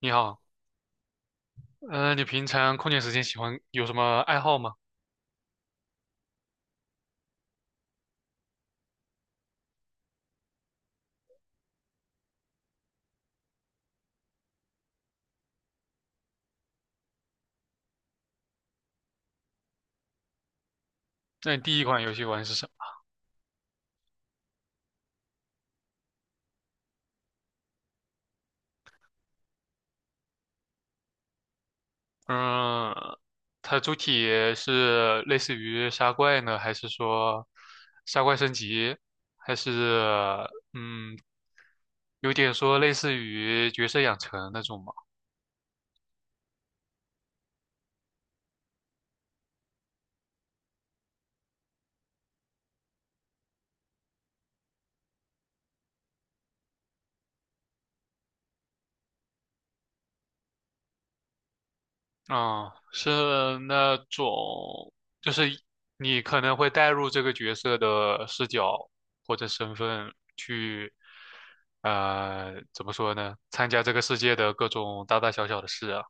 你好。你平常空闲时间喜欢有什么爱好吗？那你第一款游戏玩是什么？嗯，它主体是类似于杀怪呢，还是说杀怪升级，还是嗯，有点说类似于角色养成那种吗？啊，是那种，就是你可能会带入这个角色的视角或者身份去，怎么说呢？参加这个世界的各种大大小小的事啊。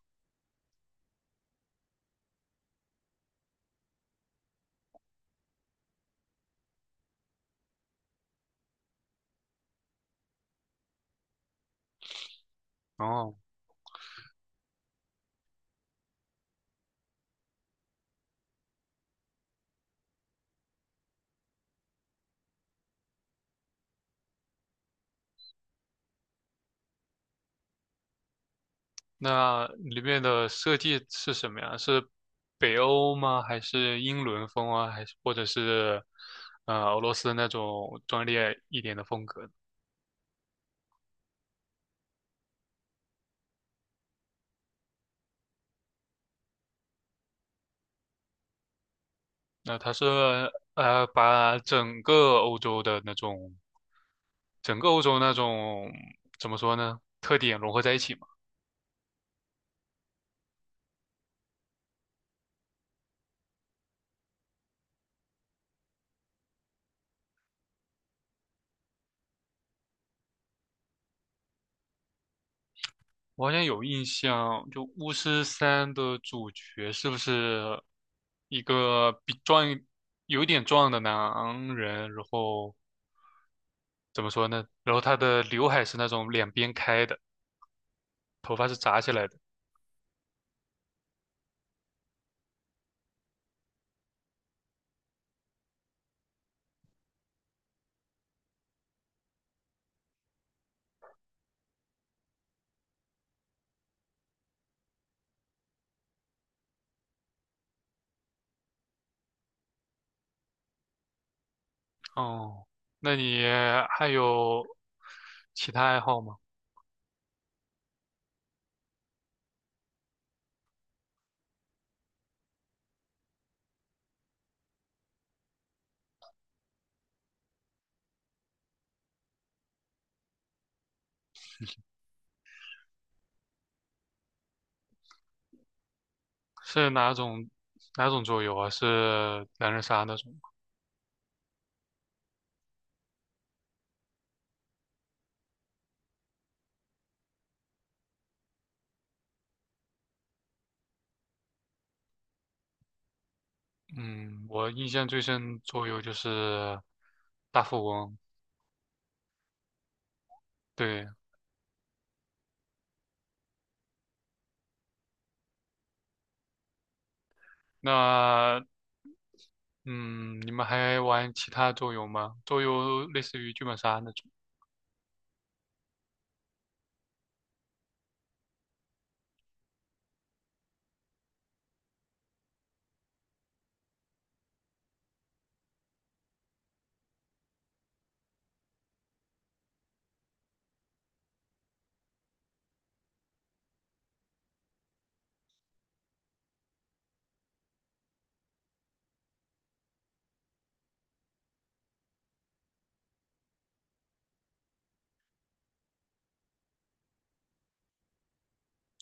哦，那里面的设计是什么呀？是北欧吗？还是英伦风啊？还是或者是俄罗斯那种专业一点的风格？那他是把整个欧洲的那种，整个欧洲那种怎么说呢，特点融合在一起嘛。我好像有印象，就《巫师三》的主角是不是一个比壮一有点壮的男人？然后怎么说呢？然后他的刘海是那种两边开的，头发是扎起来的。哦，那你还有其他爱好吗？是哪种桌游啊？是狼人杀那种吗？嗯，我印象最深桌游就是大富翁。对，那嗯，你们还玩其他桌游吗？桌游类似于剧本杀那种。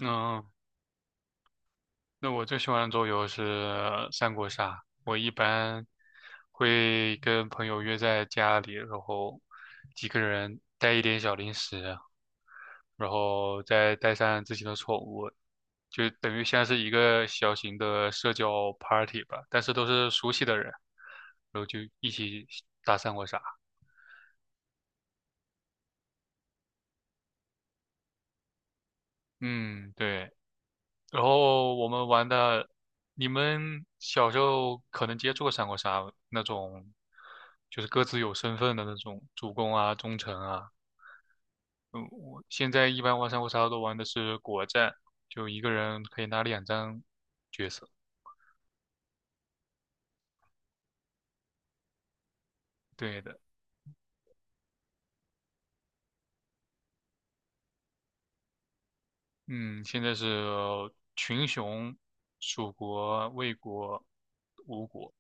嗯，那我最喜欢的桌游是三国杀。我一般会跟朋友约在家里，然后几个人带一点小零食，然后再带上自己的宠物，就等于像是一个小型的社交 party 吧，但是都是熟悉的人，然后就一起打三国杀。嗯，对。然后我们玩的，你们小时候可能接触过三国杀那种，就是各自有身份的那种主公啊、忠臣啊。嗯，我现在一般玩三国杀都玩的是国战，就一个人可以拿2张角色。对的。嗯，现在是群雄、蜀国、魏国、吴国。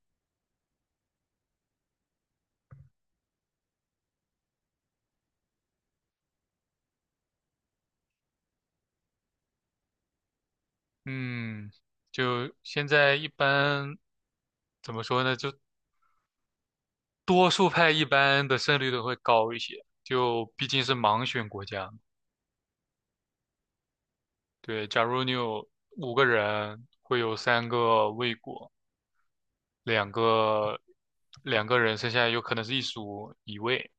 嗯，就现在一般怎么说呢？就多数派一般的胜率都会高一些，就毕竟是盲选国家嘛。对，假如你有5个人，会有3个魏国，两个两个人，剩下有可能是一蜀一魏。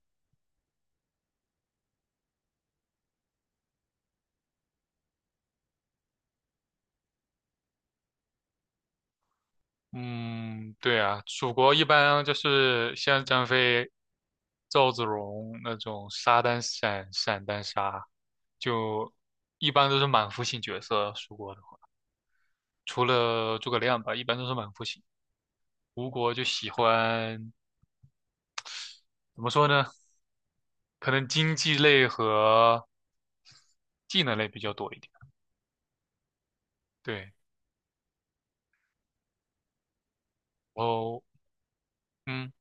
嗯，对啊，蜀国一般就是像张飞、赵子龙那种杀单闪、闪单杀，就一般都是满腹型角色。蜀国的话，除了诸葛亮吧，一般都是满腹型。吴国就喜欢怎么说呢？可能经济类和技能类比较多一点。对，然后嗯。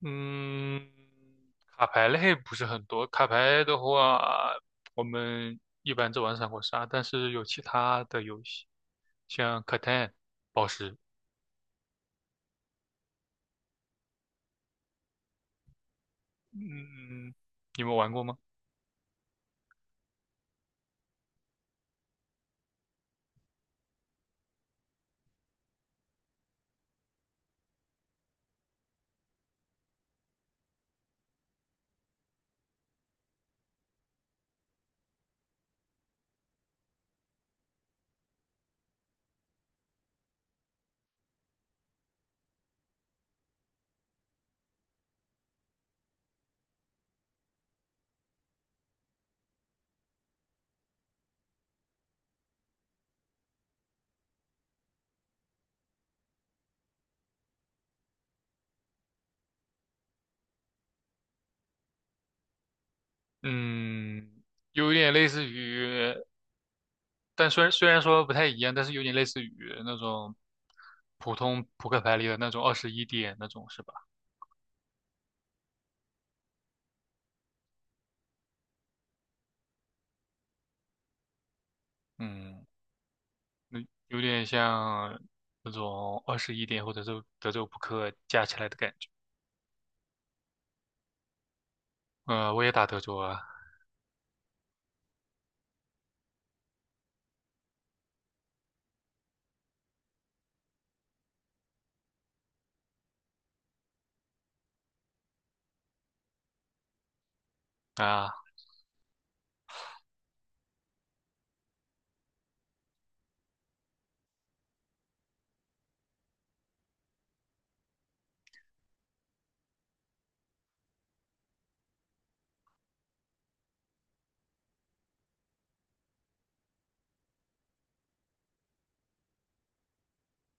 嗯，卡牌类不是很多。卡牌的话，我们一般只玩三国杀，但是有其他的游戏，像 Catan、宝石。嗯，你们玩过吗？嗯，有点类似于，但虽然虽然说不太一样，但是有点类似于那种普通扑克牌里的那种二十一点那种，是吧？嗯，有点像那种二十一点或者是德州扑克加起来的感觉。我也打德州啊。啊，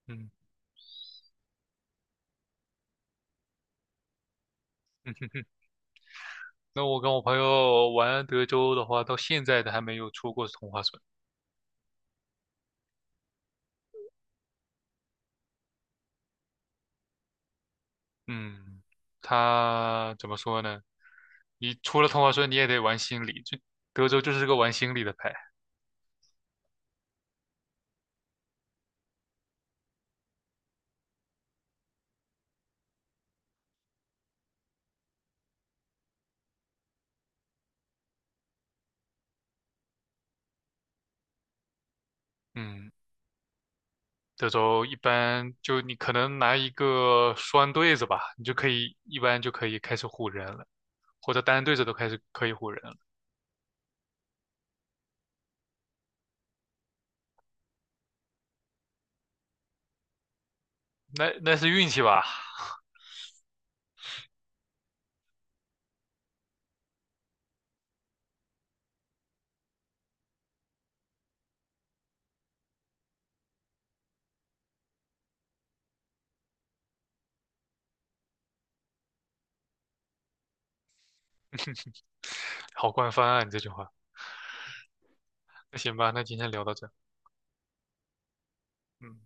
嗯，那我跟我朋友玩德州的话，到现在都还没有出过同花顺。嗯，他怎么说呢？你出了同花顺，你也得玩心理，就德州就是个玩心理的牌。嗯，德州一般就你可能拿一个双对子吧，你就可以一般就可以开始唬人了，或者单对子都开始可以唬人了。那那是运气吧？好官方啊，你这句话。那行吧，那今天聊到这。嗯。